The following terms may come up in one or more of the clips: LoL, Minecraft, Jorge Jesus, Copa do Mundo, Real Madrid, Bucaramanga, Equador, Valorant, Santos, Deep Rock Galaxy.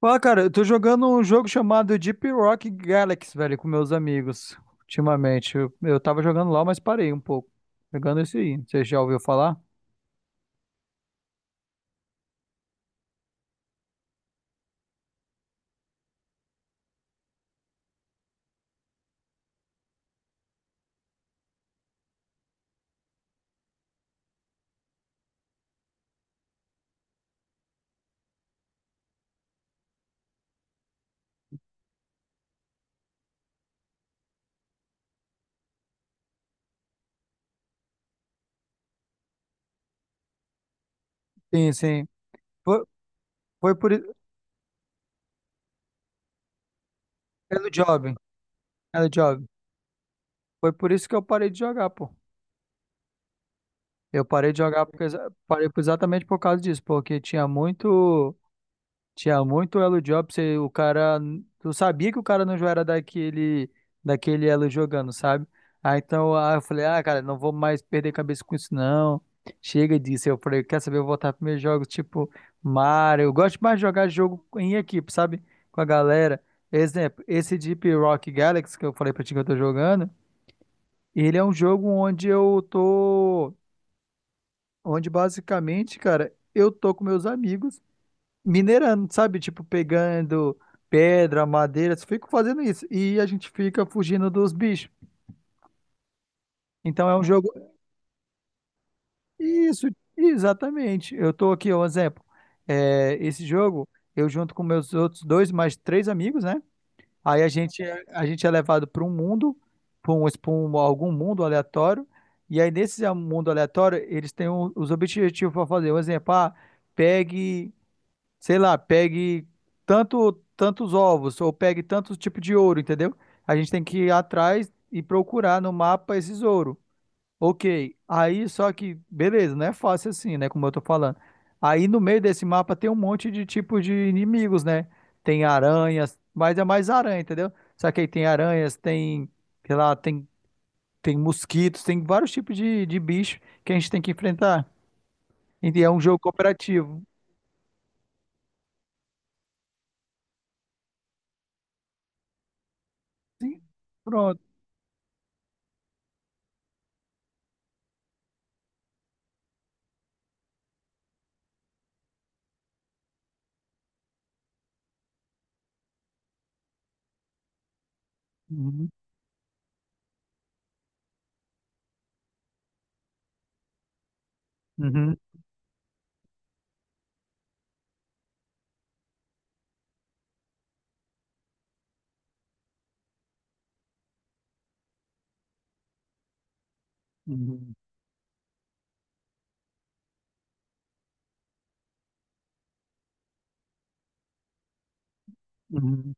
Fala, cara, eu tô jogando um jogo chamado Deep Rock Galaxy, velho, com meus amigos, ultimamente. Eu tava jogando lá, mas parei um pouco. Jogando esse aí. Você já ouviu falar? Sim, sim. Foi, foi por isso. É do Job. É do Job. Foi por isso que eu parei de jogar, pô. Eu parei de jogar porque, exatamente por causa disso, porque tinha muito. Tinha muito elo job, você, o cara, eu sabia que o cara não era daquele, daquele elo jogando, sabe? Aí então aí eu falei, ah, cara, não vou mais perder cabeça com isso não. Chega disso. Eu falei, quer saber, eu vou voltar para meus jogos tipo Mario. Eu gosto mais de jogar jogo em equipe, sabe? Com a galera. Exemplo, esse Deep Rock Galaxy que eu falei pra ti que eu tô jogando, ele é um jogo onde eu tô, onde basicamente, cara, eu tô com meus amigos minerando, sabe? Tipo, pegando pedra, madeira, só fico fazendo isso. E a gente fica fugindo dos bichos. Então é um jogo. Isso, exatamente. Eu tô aqui, um exemplo. É, esse jogo, eu junto com meus outros dois, mais três amigos, né? Aí a gente, a gente é levado para um mundo, para um, pra um- algum mundo aleatório. E aí, nesse mundo aleatório, eles têm os objetivos para fazer. Um exemplo, ah, pegue. Sei lá, pegue tantos ovos ou pegue tantos tipos de ouro, entendeu? A gente tem que ir atrás e procurar no mapa esses ouro. Ok, aí só que, beleza, não é fácil assim, né? Como eu tô falando. Aí no meio desse mapa tem um monte de tipos de inimigos, né? Tem aranhas, mas é mais aranha, entendeu? Só que aí tem aranhas, tem, sei lá, tem, tem mosquitos, tem vários tipos de bicho que a gente tem que enfrentar. E é um jogo cooperativo. Sim, pronto. Uhum. Uhum. Uhum, uhum.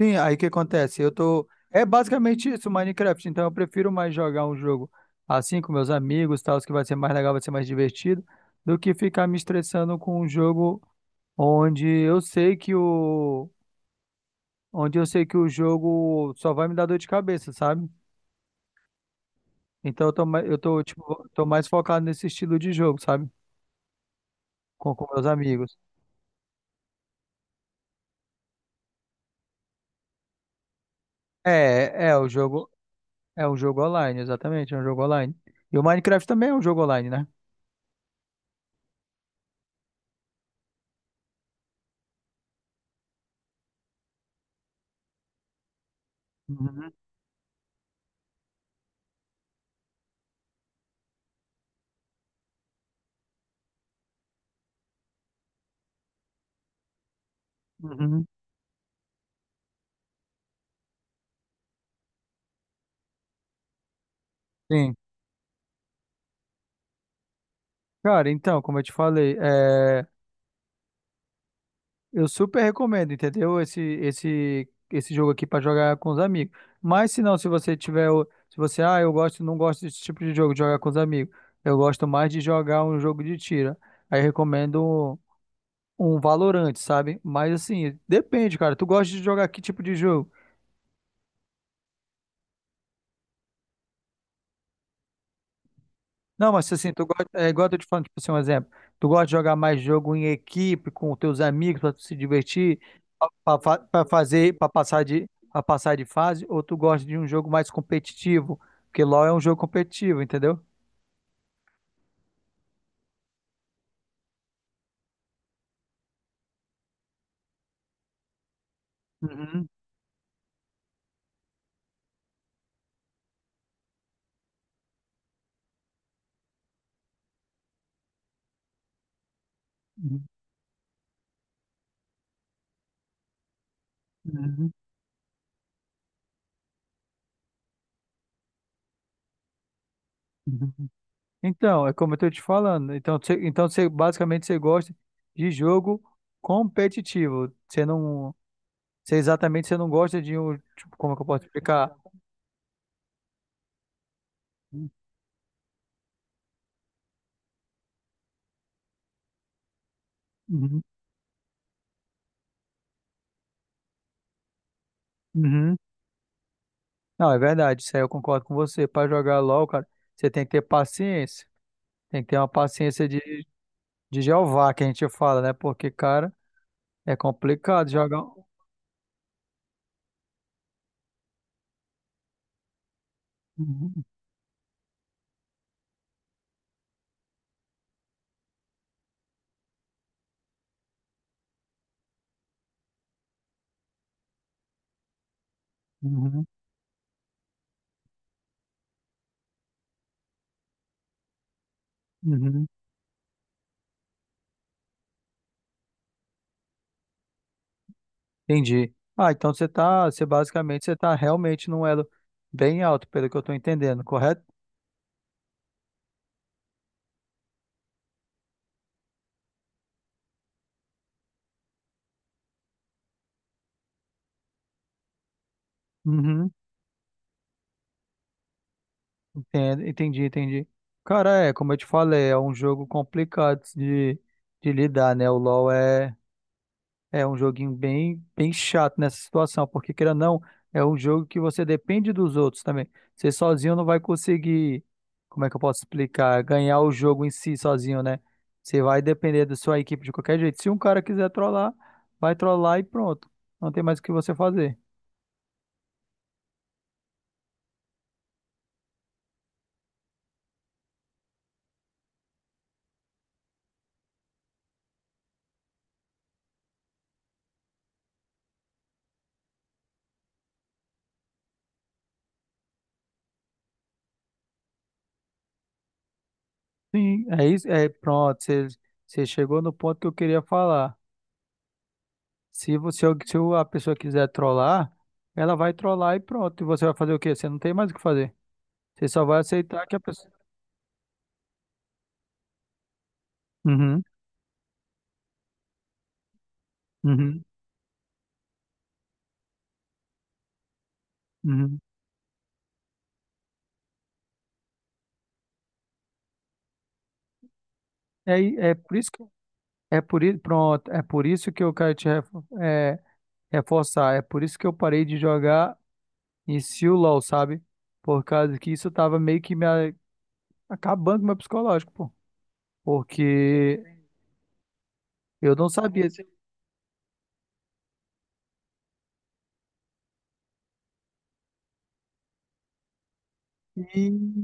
Sim, aí o que acontece? Eu tô. É basicamente isso, Minecraft. Então eu prefiro mais jogar um jogo assim com meus amigos, tal, que vai ser mais legal, vai ser mais divertido, do que ficar me estressando com um jogo onde eu sei que o. Onde eu sei que o jogo só vai me dar dor de cabeça, sabe? Então eu tô, eu tô, tipo, tô mais focado nesse estilo de jogo, sabe? Com meus amigos. É o jogo. É um jogo online, exatamente, é um jogo online. E o Minecraft também é um jogo online, né? Uhum. Uhum, sim. Cara, então, como eu te falei, é, eu super recomendo, entendeu? Esse jogo aqui pra jogar com os amigos. Mas se não, se você tiver, se você, ah, eu gosto, não gosto desse tipo de jogo de jogar com os amigos. Eu gosto mais de jogar um jogo de tiro. Aí eu recomendo um, um Valorant, sabe? Mas assim, depende, cara. Tu gosta de jogar que tipo de jogo? Não, mas assim, tu gosta, é igual eu tô te falando, tipo assim, um exemplo. Tu gosta de jogar mais jogo em equipe, com teus amigos, pra tu se divertir, pra fazer, pra passar de fase, ou tu gosta de um jogo mais competitivo? Porque LoL é um jogo competitivo, entendeu? Uhum, uhum, uhum, uhum. Então, é como eu tô te falando. Então, você, basicamente você gosta de jogo competitivo. Você exatamente você não gosta de um, tipo, como é que eu posso explicar? Uhum, uhum. Não, é verdade, isso aí eu concordo com você. Para jogar LOL, cara, você tem que ter paciência. Tem que ter uma paciência de Jeová, que a gente fala, né? Porque, cara, é complicado jogar. Um, uhum, uhum, uhum. Entendi. Ah, então você tá, você basicamente, você tá realmente num elo bem alto, pelo que eu tô entendendo, correto? Uhum, entendo, entendi, entendi. Cara, é, como eu te falei, é um jogo complicado de lidar, né? O LoL é. É um joguinho bem, bem chato nessa situação, porque queira ou não, é um jogo que você depende dos outros também. Você sozinho não vai conseguir, como é que eu posso explicar, ganhar o jogo em si sozinho, né? Você vai depender da sua equipe de qualquer jeito. Se um cara quiser trollar, vai trollar e pronto. Não tem mais o que você fazer. Sim, é isso, é pronto. Você, você chegou no ponto que eu queria falar. Se você, se a pessoa quiser trollar, ela vai trollar e pronto. E você vai fazer o quê? Você não tem mais o que fazer. Você só vai aceitar que a pessoa uhum, uhum, uhum. É por isso que pronto, é por isso que eu quero te reforçar. É por isso que eu parei de jogar em si o LoL, sabe? Por causa que isso tava meio que me acabando com o meu psicológico, pô. Porque eu não sabia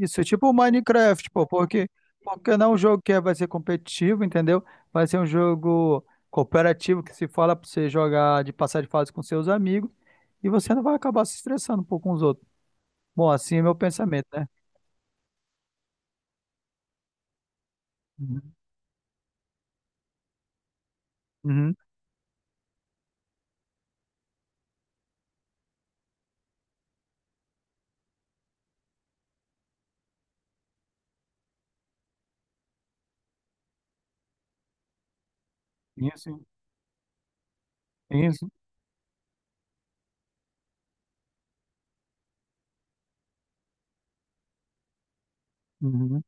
isso, é tipo o Minecraft, pô, porque não é um jogo que é, vai ser competitivo, entendeu? Vai ser um jogo cooperativo que se fala pra você jogar de passar de fase com seus amigos e você não vai acabar se estressando, pô, com os outros. Bom, assim é meu pensamento, né? Uhum. Uhum. Isso, isso. Uhum.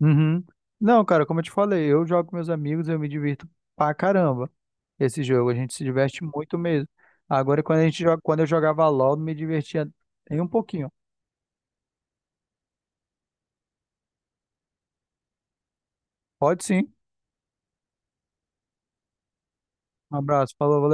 Uhum. Não, cara, como eu te falei, eu jogo com meus amigos, eu me divirto pra caramba. Esse jogo, a gente se diverte muito mesmo. Agora, quando a gente joga, quando eu jogava LOL, não me divertia nem um pouquinho. Pode sim. Um abraço, falou, valeu.